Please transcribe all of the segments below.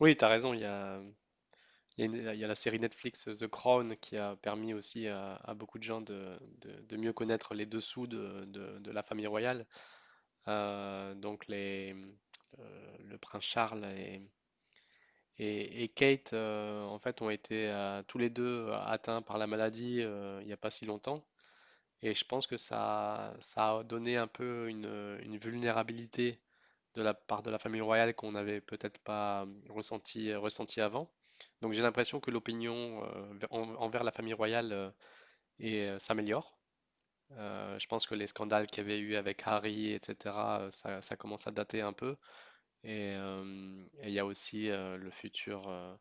Oui, t'as raison, il y a une- il y a la série Netflix The Crown qui a permis aussi à beaucoup de gens de, de mieux connaître les dessous de, de la famille royale. Euh, donc les, le prince Charles et, et Kate, en fait, ont été tous les deux atteints par la maladie il n'y a pas si longtemps. Et je pense que ça a donné un peu une vulnérabilité de la part de la famille royale qu'on n'avait peut-être pas ressenti, ressenti avant. Donc j'ai l'impression que l'opinion envers la famille royale s'améliore. Je pense que les scandales qu'il y avait eu avec Harry, etc., ça, ça commence à dater un peu. Et il y a aussi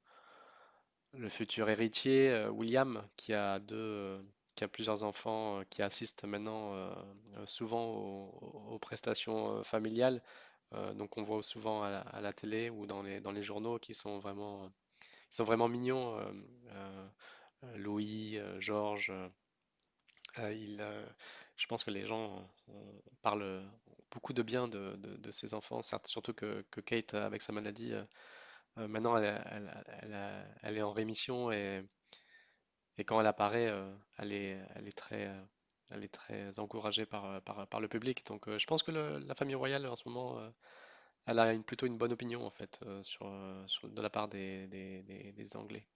le futur héritier, William, qui a qui a plusieurs enfants, qui assistent maintenant souvent aux, aux prestations familiales. Donc on voit souvent à la télé ou dans les journaux qui sont vraiment, ils sont vraiment mignons. Euh, Louis, Georges, euh, il, euh, je pense que les gens parlent beaucoup de bien de ces enfants, surtout que Kate, avec sa maladie, maintenant elle elle elle est en rémission et quand elle apparaît, elle est très... elle est très encouragée par, par, par le public. Donc, je pense que la famille royale en ce moment elle a une, plutôt une bonne opinion en fait sur, de la part des, des Anglais.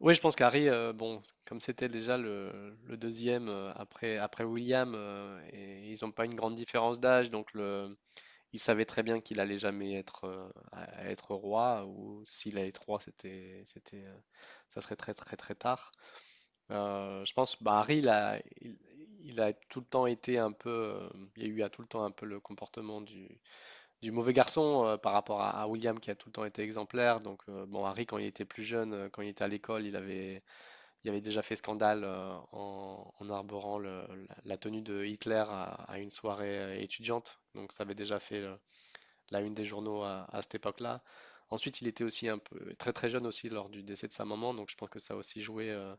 Oui, je pense qu'Harry, bon, comme c'était déjà le deuxième après, après William, et ils n'ont pas une grande différence d'âge, il savait très bien qu'il allait jamais être, à être roi, ou s'il allait être roi, c'était, c'était, ça serait très très très tard. Je pense, bah, Harry, il a tout le temps été un peu, il y a eu à tout le temps un peu le comportement du mauvais garçon par rapport à William qui a tout le temps été exemplaire. Donc, bon, Harry, quand il était plus jeune, quand il était à l'école, il avait déjà fait scandale en, en arborant la tenue de Hitler à une soirée étudiante. Donc, ça avait déjà fait la une des journaux à cette époque-là. Ensuite, il était aussi un peu très très jeune aussi lors du décès de sa maman, donc je pense que ça a aussi joué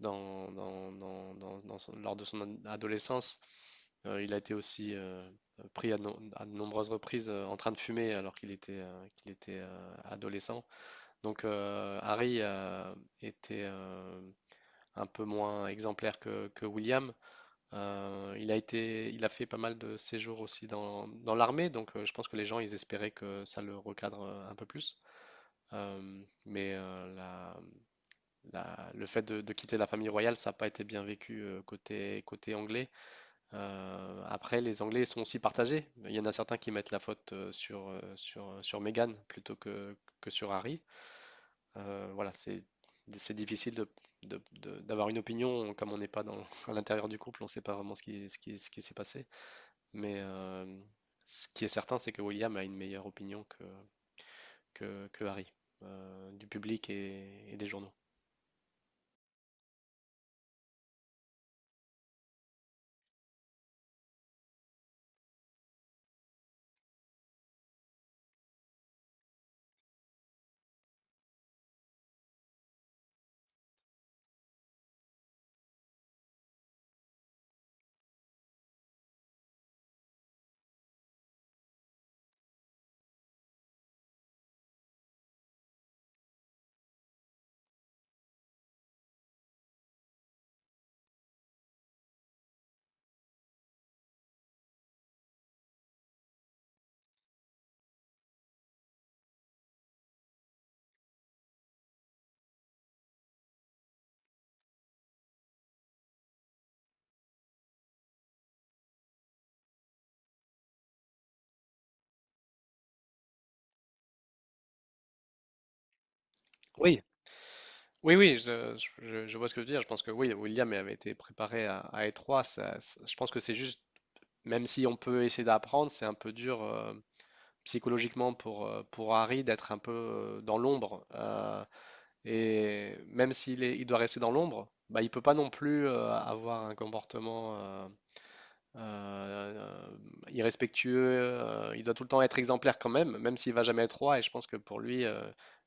dans, dans lors de son adolescence. Il a été aussi pris à, à de nombreuses reprises en train de fumer alors qu'il était adolescent. Donc Harry était un peu moins exemplaire que William. Il a fait pas mal de séjours aussi dans, dans l'armée, donc je pense que les gens ils espéraient que ça le recadre un peu plus. Euh, mais euh, la- le fait de quitter la famille royale, ça n'a pas été bien vécu côté, côté anglais. Après, les Anglais sont aussi partagés. Il y en a certains qui mettent la faute sur, sur, sur Meghan plutôt que sur Harry. Voilà, c'est difficile de, d'avoir une opinion comme on n'est pas dans, à l'intérieur du couple, on ne sait pas vraiment ce qui, ce qui, ce qui s'est passé. Mais euh, Ce qui est certain, c'est que William a une meilleure opinion que Harry, du public et des journaux. Oui, Oui, oui, je, je vois ce que tu veux dire. Je pense que oui, William avait été préparé à étroit. Je pense que c'est juste. Même si on peut essayer d'apprendre, c'est un peu dur psychologiquement pour Harry d'être un peu dans l'ombre. Et même s'il est, il doit rester dans l'ombre, bah, il peut pas non plus avoir un comportement euh, irrespectueux. Il doit tout le temps être exemplaire quand même, même s'il va jamais être roi. Et je pense que pour lui,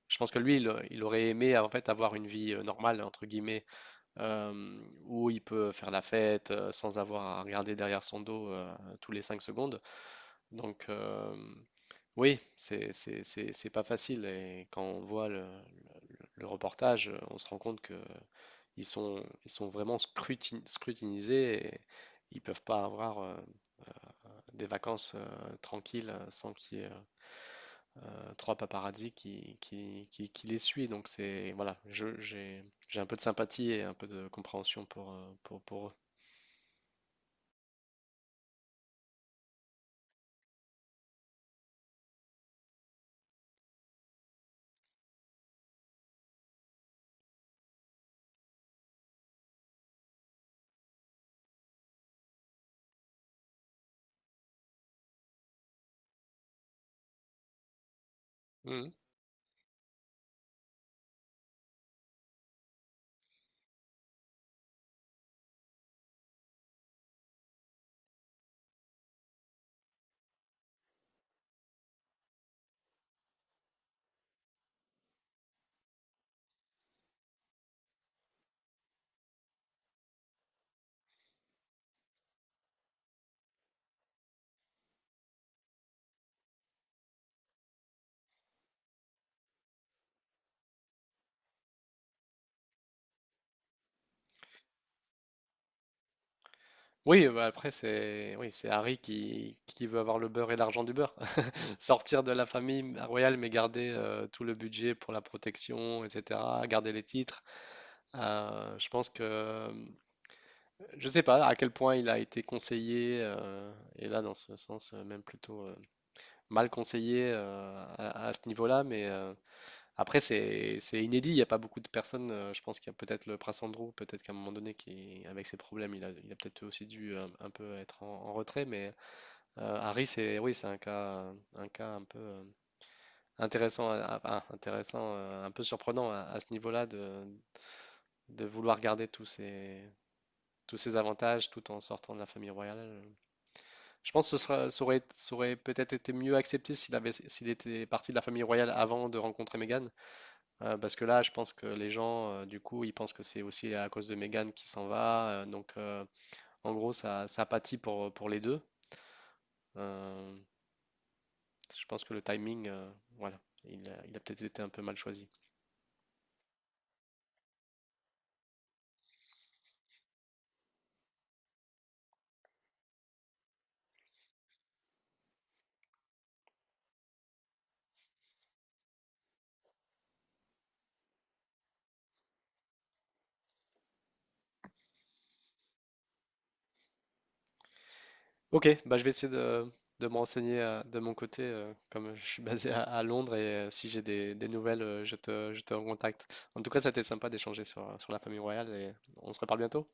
je pense que lui, il aurait aimé en fait avoir une vie normale entre guillemets, euh, où il peut faire la fête sans avoir à regarder derrière son dos tous les cinq secondes. Donc, oui, c'est pas facile. Et quand on voit le reportage, on se rend compte que ils sont vraiment scrutinisés et ils peuvent pas avoir des vacances tranquilles sans qu'il y ait trois paparazzi qui, qui les suivent. Donc, c'est, voilà, j'ai un peu de sympathie et un peu de compréhension pour eux. Mhm. Oui, bah après, c'est oui, c'est Harry qui veut avoir le beurre et l'argent du beurre. Sortir de la famille royale, mais garder tout le budget pour la protection, etc., garder les titres. Euh, je pense que euh, je sais pas à quel point il a été conseillé, et là, dans ce sens, même plutôt mal conseillé à ce niveau-là, après, c'est inédit, il n'y a pas beaucoup de personnes. Je pense qu'il y a peut-être le prince Andrew, peut-être qu'à un moment donné, qui, avec ses problèmes, il a peut-être aussi dû un peu être en, en retrait, Harry, c'est oui, c'est un cas, un cas un peu. Intéressant, intéressant, un peu surprenant à ce niveau-là de vouloir garder tous ces avantages tout en sortant de la famille royale. Je pense que ça aurait peut-être été mieux accepté s'il avait, s'il était parti de la famille royale avant de rencontrer Meghan, parce que là, je pense que les gens, du coup, ils pensent que c'est aussi à cause de Meghan qui s'en va. En gros, ça pâtit pour les deux. Euh, je pense que le timing, voilà, il a peut-être été un peu mal choisi. Ok, bah je vais essayer de me renseigner de mon côté, comme je suis basé à Londres, et si j'ai des nouvelles, je te recontacte. En tout cas, ça a été sympa d'échanger sur, sur la famille royale, et on se reparle bientôt.